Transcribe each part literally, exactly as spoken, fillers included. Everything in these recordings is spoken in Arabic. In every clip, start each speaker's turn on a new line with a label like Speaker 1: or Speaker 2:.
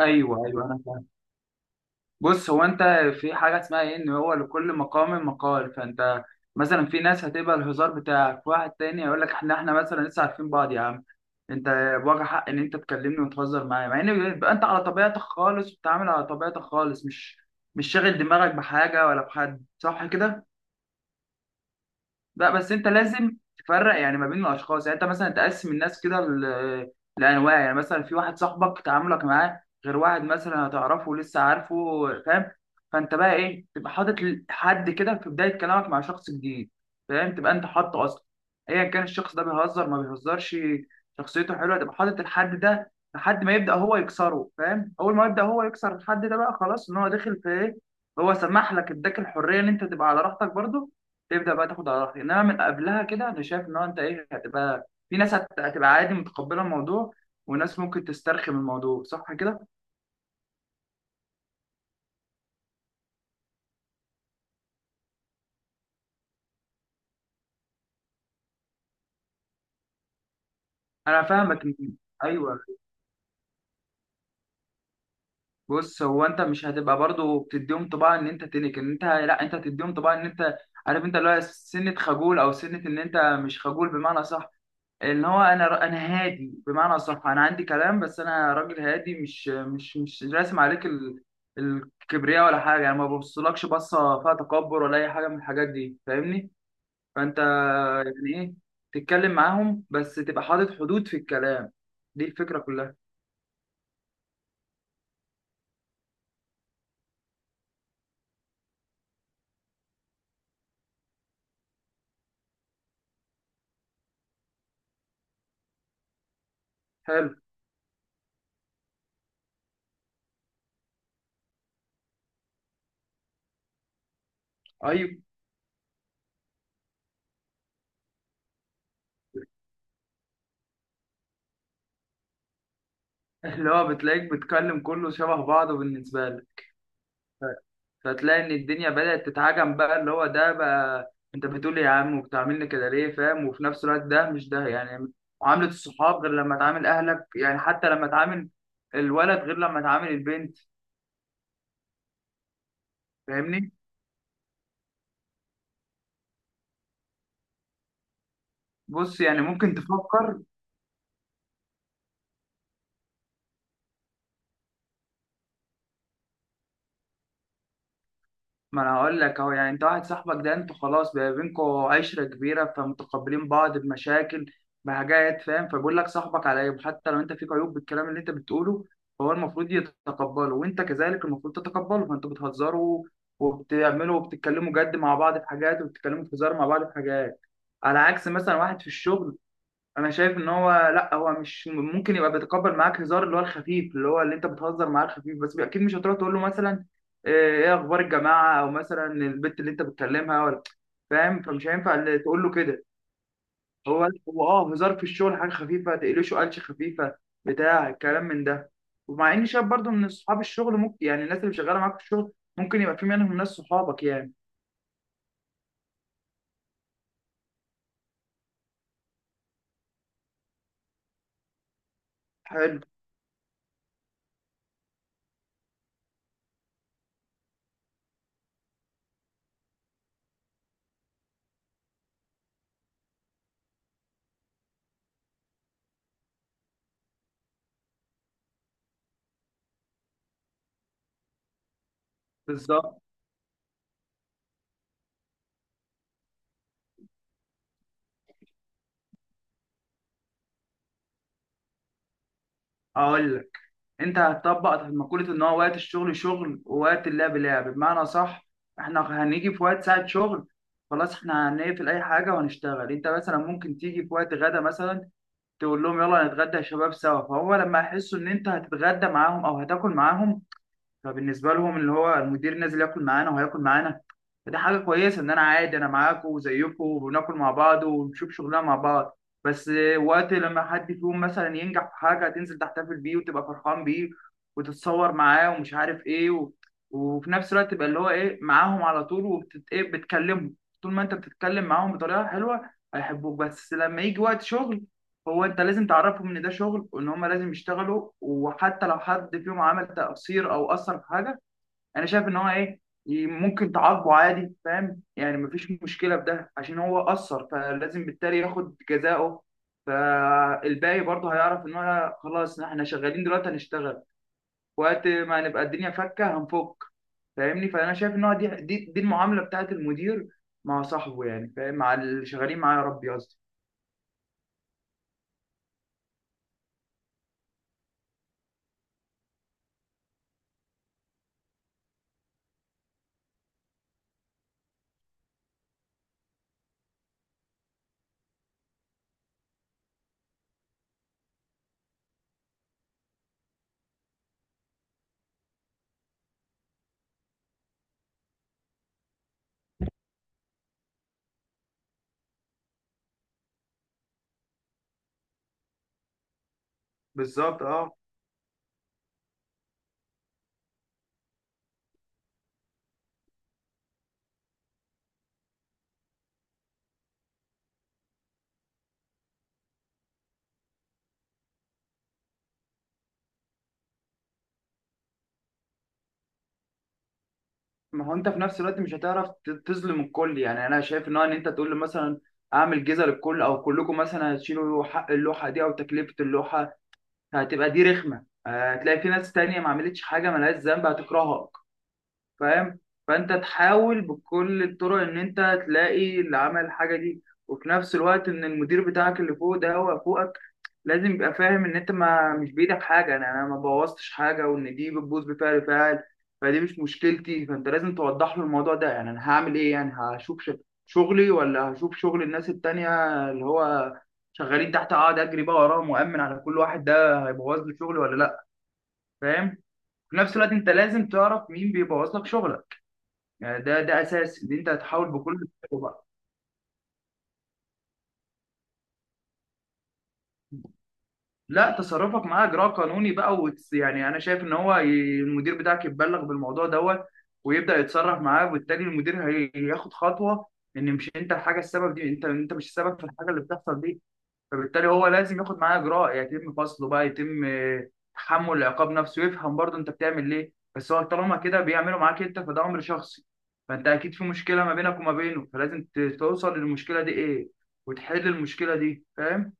Speaker 1: ايوه ايوه، انا فاهم. بص، هو انت في حاجه اسمها ايه، ان هو لكل مقام مقال. فانت مثلا في ناس هتبقى الهزار بتاعك، واحد تاني هيقول لك احنا احنا مثلا لسه عارفين بعض يا عم انت، بواجه حق ان انت تكلمني وتهزر معايا، مع ان بيبقى انت على طبيعتك خالص وبتتعامل على طبيعتك خالص، مش مش شاغل دماغك بحاجه ولا بحد، صح كده؟ لا بس انت لازم تفرق يعني ما بين الاشخاص. يعني انت مثلا تقسم الناس كده ل- لانواع. يعني مثلا في واحد صاحبك، تعاملك معاه غير واحد مثلا هتعرفه لسه، عارفه؟ فاهم؟ فانت بقى ايه، تبقى حاطط ل- حد كده في بدايه كلامك مع شخص جديد، فاهم؟ تبقى انت حاطه اصلا، ايا كان الشخص ده بيهزر ما بيهزرش، شخصيته حلوه، تبقى حاطط الحد ده لحد ما يبدا هو يكسره، فاهم؟ اول ما يبدا هو يكسر الحد ده، بقى خلاص ان هو داخل في ايه، هو سمح لك، اداك الحريه ان انت تبقى على راحتك برضه، تبدا بقى تاخد على راحتك. انما من قبلها كده انا شايف ان هو انت ايه، هتبقى في ناس هت- هتبقى عادي متقبله الموضوع، وناس ممكن تسترخي من الموضوع، صح كده؟ انا فاهمك إن- ايوه. بص، هو انت مش هتبقى برضو بتديهم طباع ان انت تنك ان انت، لا، انت هتديهم طباع ان انت عارف، انت اللي هو سنه خجول، او سنه ان انت مش خجول بمعنى صح، ان هو انا انا هادي بمعنى اصح، انا عندي كلام بس انا راجل هادي، مش مش مش راسم عليك ال- الكبرياء ولا حاجه، يعني ما ببصلكش بصه فيها تكبر ولا اي حاجه من الحاجات دي، فاهمني؟ فانت يعني ايه، تتكلم معاهم بس تبقى حاطط حدود في الكلام، دي الفكره كلها. حلو. ايوه. اللي هو بتلاقيك بتكلم كله شبه بعضه بالنسبه لك، فتلاقي ان الدنيا بدأت تتعجم بقى، اللي هو ده بقى انت بتقول لي يا عم وبتعاملني كده ليه، فاهم؟ وفي نفس الوقت ده مش ده يعني، معاملة الصحاب غير لما تعامل اهلك. يعني حتى لما تعامل الولد غير لما تعامل البنت، فاهمني؟ بص، يعني ممكن تفكر. ما انا هقول لك اهو، يعني انت واحد صاحبك ده انتوا خلاص بقى بينكوا عشره كبيره، فمتقبلين بعض بمشاكل بحاجات، فاهم؟ فبيقول لك صاحبك على عيب، حتى لو انت فيك عيوب بالكلام اللي انت بتقوله، فهو المفروض يتقبله، وانت كذلك المفروض تتقبله، فانتوا بتهزروا وبتعملوا، وبتتكلموا جد مع بعض في حاجات، وبتتكلموا في هزار مع بعض في حاجات. على عكس مثلا واحد في الشغل، انا شايف ان هو لا، هو مش ممكن يبقى بيتقبل معاك هزار اللي هو الخفيف، اللي هو اللي انت بتهزر معاه الخفيف، بس اكيد مش هتروح تقول له مثلا ايه، إيه اخبار الجماعه، او مثلا البت اللي انت بتكلمها ولا، فاهم؟ فمش هينفع اللي تقول له كده. هو هو اه، هزار في الشغل حاجه خفيفه، تقلشه قلشه خفيفه، بتاع الكلام من ده. ومع اني شايف برضو ان اصحاب الشغل، ممكن يعني الناس اللي شغاله معاك في الشغل ممكن يبقى في منهم ناس صحابك يعني. حلو. بالظبط. اقول لك، انت هتطبق مقولة ان هو وقت الشغل شغل ووقت اللعب لعب، بمعنى صح. احنا هنيجي في وقت ساعة شغل، خلاص احنا هنقفل اي حاجة وهنشتغل. انت مثلا ممكن تيجي في وقت غدا مثلا، تقول لهم يلا نتغدى يا شباب سوا. فهو لما يحسوا ان انت هتتغدى معاهم او هتاكل معاهم، فبالنسبه لهم اللي هو المدير نازل ياكل معانا وهياكل معانا، فده حاجه كويسه. ان انا عادي، انا معاكم وزيكم، وبناكل مع بعض ونشوف شغلنا مع بعض. بس وقت لما حد فيهم مثلا ينجح في حاجه، هتنزل تحتفل بيه وتبقى فرحان بيه، وتتصور معاه ومش عارف ايه و... وفي نفس الوقت تبقى اللي هو ايه معاهم على طول، وبتت... ايه، بتكلمهم. طول ما انت بتتكلم معاهم بطريقه حلوه هيحبوك، بس لما يجي وقت شغل، هو انت لازم تعرفهم ان ده شغل، وان هم لازم يشتغلوا. وحتى لو حد فيهم عمل تقصير او اثر في حاجه، انا شايف ان هو ايه، ي- ممكن تعاقبه عادي، فاهم؟ يعني مفيش مشكله في ده، عشان هو اثر فلازم بالتالي ياخد جزاؤه. فالباقي برضه هيعرف ان هو خلاص، احنا شغالين دلوقتي هنشتغل، وقت ما نبقى الدنيا فكه هنفك، فاهمني؟ فانا شايف ان هو دي دي, دي المعامله بتاعت المدير مع صاحبه، يعني فاهم، مع اللي شغالين معاه، يا ربي قصدي. بالظبط اه. ما هو انت في نفس الوقت مش هتعرف ت- تظلم الكل. يعني انا شايف ان هو ان انت تقول له مثلا اعمل جزء للكل، او كلكم مثلا هتشيلوا حق اللوحه دي او تكلفه اللوحه، هتبقى دي رخمه. آه، هتلاقي في ناس تانية ما عملتش حاجه، ملهاش ذنب، هتكرهها، فاهم؟ فانت تحاول بكل الطرق ان انت تلاقي اللي عمل الحاجه دي. وفي نفس الوقت ان المدير بتاعك اللي فوق ده هو فوقك، لازم يبقى فاهم ان انت ما مش بايدك حاجه، انا انا ما بوظتش حاجه، وان دي بتبوظ بفعل فاعل فدي مش مشكلتي. فانت لازم توضح له الموضوع ده، يعني انا هعمل ايه، يعني هشوف ش- شغلي ولا هشوف شغل الناس التانية اللي هو شغالين تحت، اقعد اجري بقى وراهم وامن على كل واحد، ده هيبوظ لي شغلي ولا لا، فاهم؟ في نفس الوقت انت لازم تعرف مين بيبوظ لك شغلك، يعني ده ده اساس ان انت هتحاول بكل الطرق بقى. لا، تصرفك معاه اجراء قانوني بقى، وت... يعني انا شايف ان هو ي... المدير بتاعك يتبلغ بالموضوع دوت، ويبدأ يتصرف معاه. وبالتالي المدير هي- هياخد خطوة ان مش انت الحاجة السبب دي، انت انت مش السبب في الحاجة اللي بتحصل دي، فبالتالي هو لازم ياخد معاه اجراء، يتم فصله بقى، يتم آه، تحمل العقاب نفسه. ويفهم برضه انت بتعمل ليه، بس هو طالما كده بيعملوا معاك انت فده امر شخصي، فانت اكيد في مشكله ما بينك وما بينه، فلازم ت- توصل للمشكله دي ايه وتحل المشكله دي، فاهم؟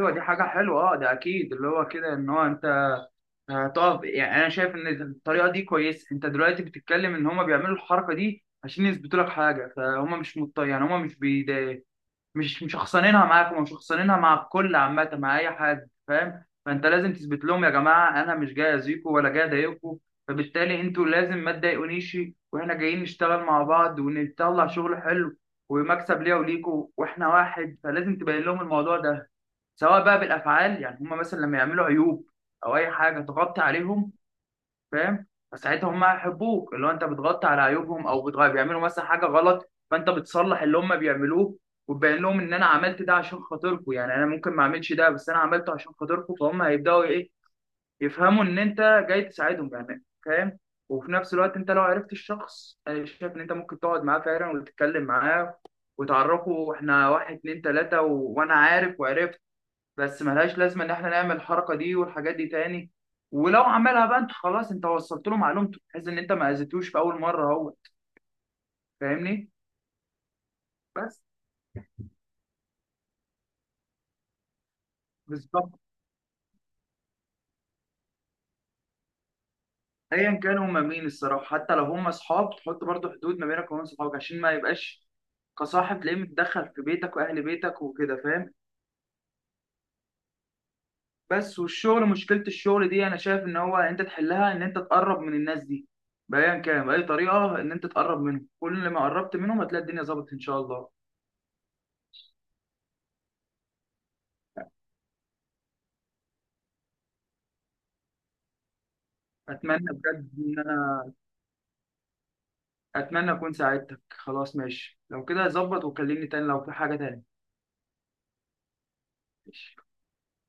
Speaker 1: ايوه دي حاجه حلوه اه. ده اكيد اللي هو كده ان هو انت هتقف. يعني انا شايف ان الطريقه دي كويسه. انت دلوقتي بتتكلم ان هما بيعملوا الحركه دي عشان يثبتوا لك حاجه، فهم مش مضطر يعني، هما مش بيضايقوا، مش مشخصنينها معاك، ومشخصنينها مع الكل عامة، مع أي حد، فاهم؟ فأنت لازم تثبت لهم يا جماعة أنا مش جاي أذيكم ولا جاي أضايقكم، فبالتالي أنتوا لازم ما تضايقونيش، وإحنا جايين نشتغل مع بعض ونطلع شغل حلو، ومكسب ليا وليكوا وإحنا واحد. فلازم تبين لهم الموضوع ده، سواء بقى بالأفعال، يعني هما مثلا لما يعملوا عيوب أو أي حاجة تغطي عليهم، فاهم؟ فساعتها هم هيحبوك، اللي هو انت بتغطي على عيوبهم، او بتغ- بيعملوا مثلا حاجه غلط فانت بتصلح اللي هم بيعملوه، وتبين لهم ان انا عملت ده عشان خاطركم، يعني انا ممكن ما اعملش ده بس انا عملته عشان خاطركم، فهم هيبداوا ايه، يفهموا ان انت جاي تساعدهم، يعني فاهم. وفي نفس الوقت انت لو عرفت الشخص، انا شايف ان انت ممكن تقعد معاه فعلا وتتكلم معاه، وتعرفه احنا واحد اتنين تلاته و... وانا عارف وعرفت، بس ملهاش لازمه ان احنا نعمل الحركه دي والحاجات دي تاني. ولو عملها بقى انت خلاص، انت وصلت له معلومته، بحيث ان انت ما اذيتوش في اول مره، هو فاهمني. بس. بالظبط. ايا كانوا هما مين الصراحه، حتى لو هما اصحاب تحط برضه حدود ما بينك وبين صحابك، عشان ما يبقاش كصاحب تلاقيه متدخل في بيتك واهل بيتك وكده، فاهم؟ بس والشغل، مشكله الشغل دي انا شايف ان هو انت تحلها ان انت تقرب من الناس دي، بايا كان باي طريقه، ان انت تقرب منهم. كل ما قربت منهم هتلاقي الدنيا ظبطت ان شاء الله. اتمنى بجد ان انا اتمنى اكون ساعدتك. خلاص، ماشي، لو كده ظبط وكلمني تاني لو في حاجة تاني. ماشي.